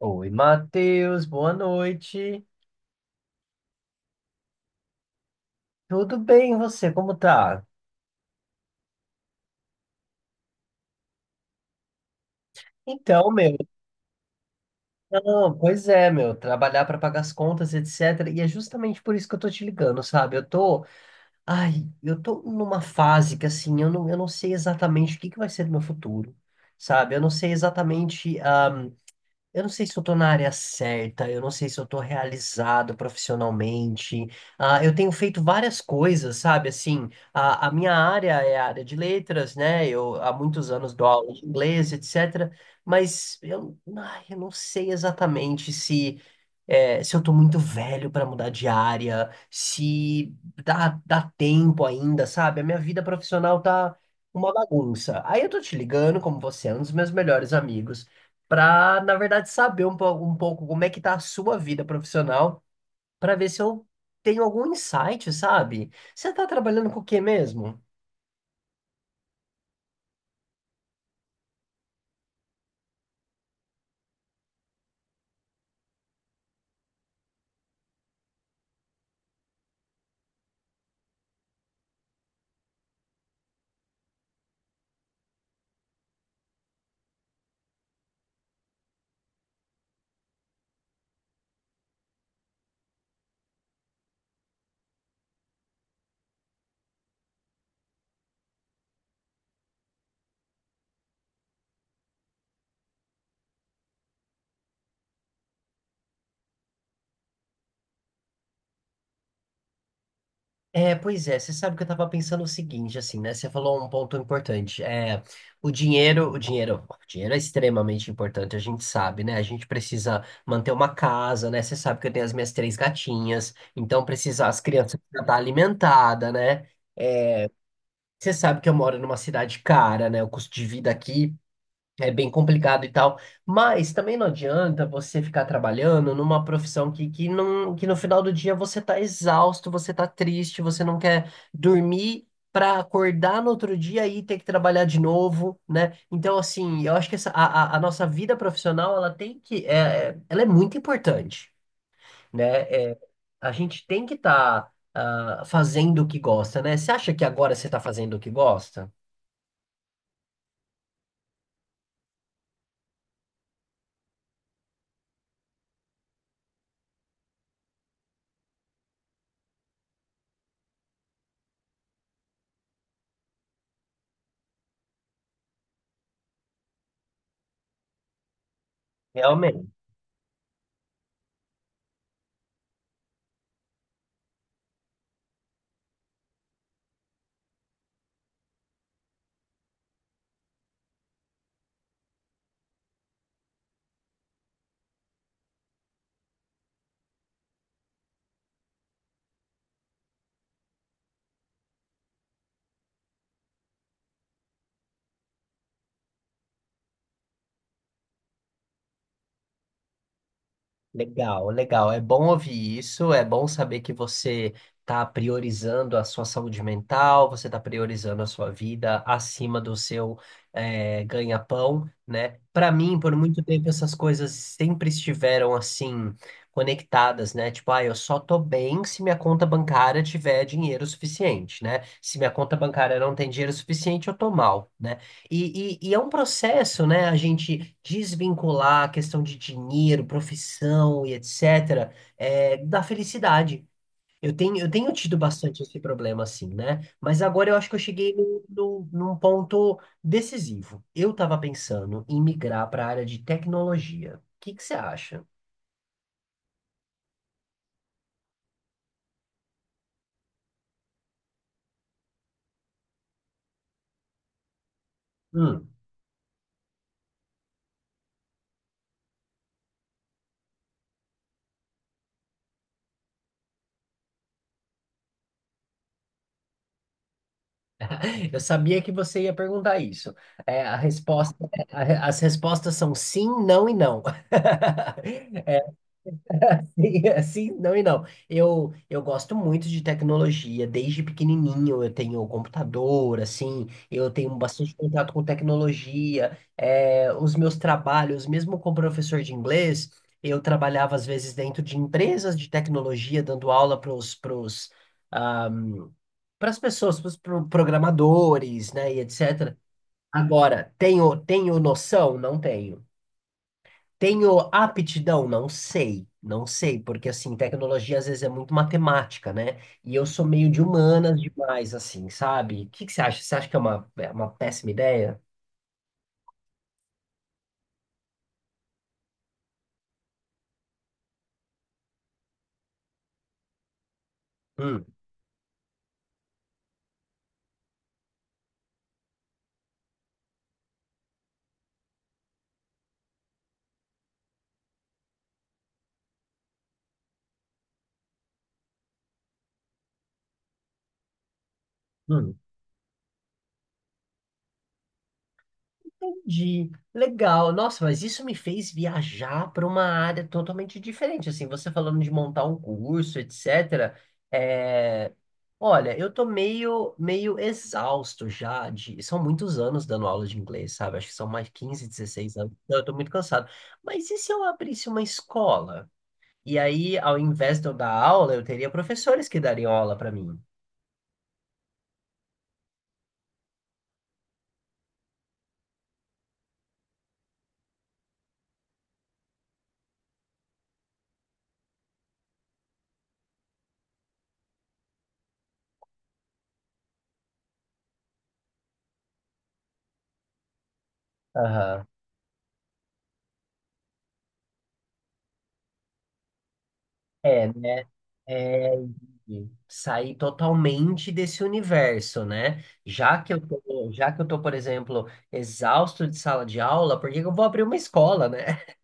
Oi, Matheus, boa noite. Tudo bem, e você? Como tá? Então, meu, não, pois é, meu, trabalhar para pagar as contas, etc. E é justamente por isso que eu tô te ligando, sabe? Ai, eu tô numa fase que assim, eu não sei exatamente o que que vai ser do meu futuro, sabe? Eu não sei exatamente. Eu não sei se eu tô na área certa, eu não sei se eu tô realizado profissionalmente. Ah, eu tenho feito várias coisas, sabe? Assim, a minha área é a área de letras, né? Eu há muitos anos dou aula de inglês, etc. Mas eu não sei exatamente se eu tô muito velho pra mudar de área, se dá tempo ainda, sabe? A minha vida profissional tá uma bagunça. Aí eu tô te ligando, como você é um dos meus melhores amigos, pra, na verdade, saber um pouco como é que tá a sua vida profissional, pra ver se eu tenho algum insight, sabe? Você tá trabalhando com o quê mesmo? É, pois é, você sabe que eu tava pensando o seguinte, assim, né? Você falou um ponto importante. É, o dinheiro é extremamente importante, a gente sabe, né? A gente precisa manter uma casa, né? Você sabe que eu tenho as minhas três gatinhas, então precisa, as crianças precisam estar alimentadas, né? Você sabe que eu moro numa cidade cara, né? O custo de vida aqui é bem complicado e tal, mas também não adianta você ficar trabalhando numa profissão que, não, que no final do dia você tá exausto, você tá triste, você não quer dormir para acordar no outro dia e ter que trabalhar de novo, né? Então, assim, eu acho que a nossa vida profissional, ela tem que ela é muito importante, né? É, a gente tem que estar fazendo o que gosta, né? Você acha que agora você está fazendo o que gosta? Realmente. Legal, legal. É bom ouvir isso, é bom saber que você está priorizando a sua saúde mental, você está priorizando a sua vida acima do seu ganha-pão, né? Para mim, por muito tempo, essas coisas sempre estiveram assim, conectadas, né? Tipo, ah, eu só tô bem se minha conta bancária tiver dinheiro suficiente, né? Se minha conta bancária não tem dinheiro suficiente, eu tô mal, né? E é um processo, né? A gente desvincular a questão de dinheiro, profissão e etc., é, da felicidade. Eu tenho tido bastante esse problema, assim, né? Mas agora eu acho que eu cheguei no no num ponto decisivo. Eu estava pensando em migrar para a área de tecnologia. O que que você acha? Hum, eu sabia que você ia perguntar isso. É, a resposta, é, a re- as respostas são sim, não e não. Sim, sim, não e não. Eu gosto muito de tecnologia, desde pequenininho eu tenho computador, assim, eu tenho bastante contato com tecnologia, é, os meus trabalhos, mesmo como professor de inglês, eu trabalhava às vezes dentro de empresas de tecnologia, dando aula ah, para as pessoas, para os programadores, né, e etc. Agora, tenho, tenho noção? Não tenho. Tenho aptidão? Não sei, não sei, porque assim, tecnologia às vezes é muito matemática, né? E eu sou meio de humanas demais, assim, sabe? O que que você acha? Você acha que é uma péssima ideia? Hum, hum. Entendi. Legal. Nossa, mas isso me fez viajar para uma área totalmente diferente. Assim, você falando de montar um curso, etc. É... Olha, eu tô meio, meio exausto já de... São muitos anos dando aula de inglês, sabe? Acho que são mais 15 16 anos. Então, eu tô muito cansado. Mas e se eu abrisse uma escola? E aí, ao invés de eu dar aula, eu teria professores que dariam aula para mim. Aham. É, né? É, e sair totalmente desse universo, né? Já que eu tô, por exemplo, exausto de sala de aula, por que que eu vou abrir uma escola, né?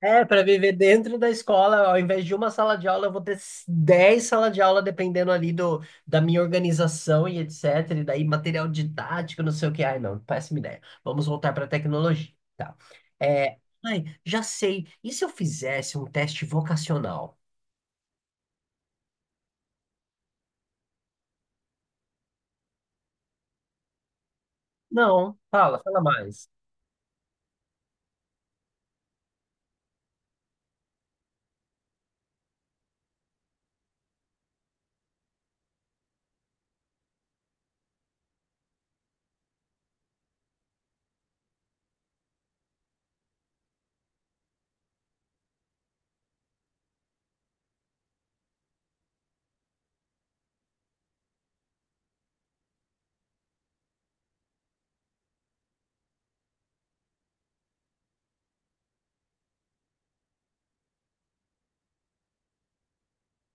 É, para viver dentro da escola, ao invés de uma sala de aula, eu vou ter 10 salas de aula, dependendo ali da minha organização e etc. E daí material didático, não sei o que. Ai, não, péssima ideia. Vamos voltar para a tecnologia, tá? É, ai, já sei. E se eu fizesse um teste vocacional? Não, fala, fala mais.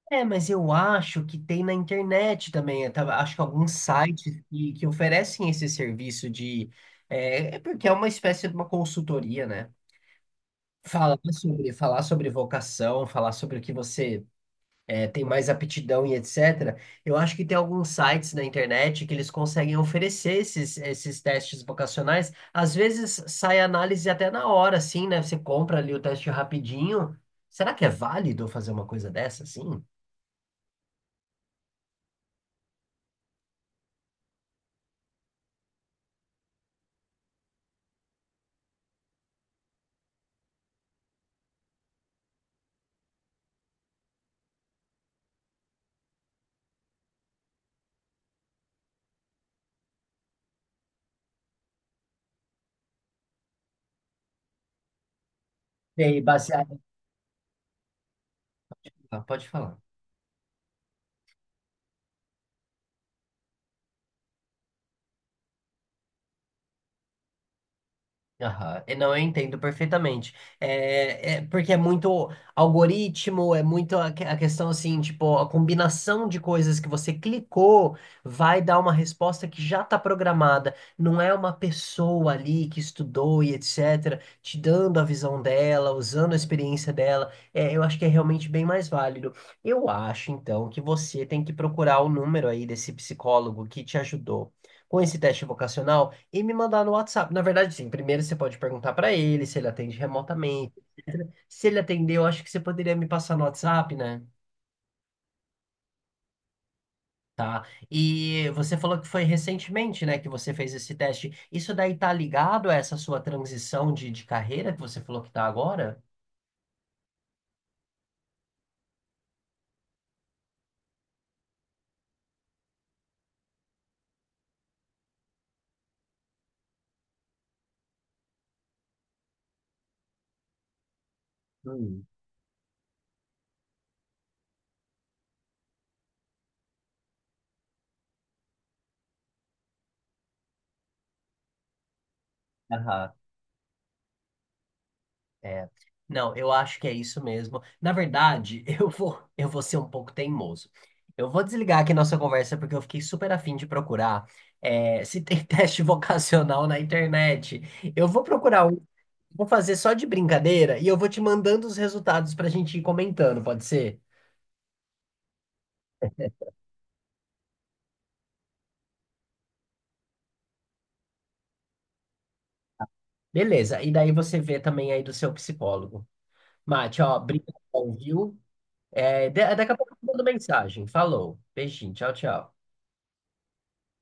É, mas eu acho que tem na internet também. Acho que alguns sites que oferecem esse serviço de. É, é porque é uma espécie de uma consultoria, né? Falar sobre vocação, falar sobre o que você tem mais aptidão e etc. Eu acho que tem alguns sites na internet que eles conseguem oferecer esses testes vocacionais. Às vezes sai análise até na hora, assim, né? Você compra ali o teste rapidinho. Será que é válido fazer uma coisa dessa, assim? E aí, baseado... Ah, pode falar. Aham. E não, eu entendo perfeitamente. É, é porque é muito algoritmo, é muito a questão assim, tipo, a combinação de coisas que você clicou vai dar uma resposta que já está programada. Não é uma pessoa ali que estudou e etc., te dando a visão dela, usando a experiência dela. É, eu acho que é realmente bem mais válido. Eu acho, então, que você tem que procurar o número aí desse psicólogo que te ajudou com esse teste vocacional e me mandar no WhatsApp. Na verdade, sim, primeiro você pode perguntar para ele se ele atende remotamente. Se ele atendeu, acho que você poderia me passar no WhatsApp, né? Tá. E você falou que foi recentemente, né, que você fez esse teste. Isso daí tá ligado a essa sua transição de carreira que você falou que tá agora? Hum. Aham. É. Não, eu acho que é isso mesmo. Na verdade, eu vou ser um pouco teimoso. Eu vou desligar aqui nossa conversa porque eu fiquei super afim de procurar se tem teste vocacional na internet. Eu vou procurar um, vou fazer só de brincadeira e eu vou te mandando os resultados para a gente ir comentando, pode ser? Beleza, e daí você vê também aí do seu psicólogo. Mate, ó, brincadão, viu? É, daqui a pouco eu mando mensagem. Falou, beijinho, tchau, tchau.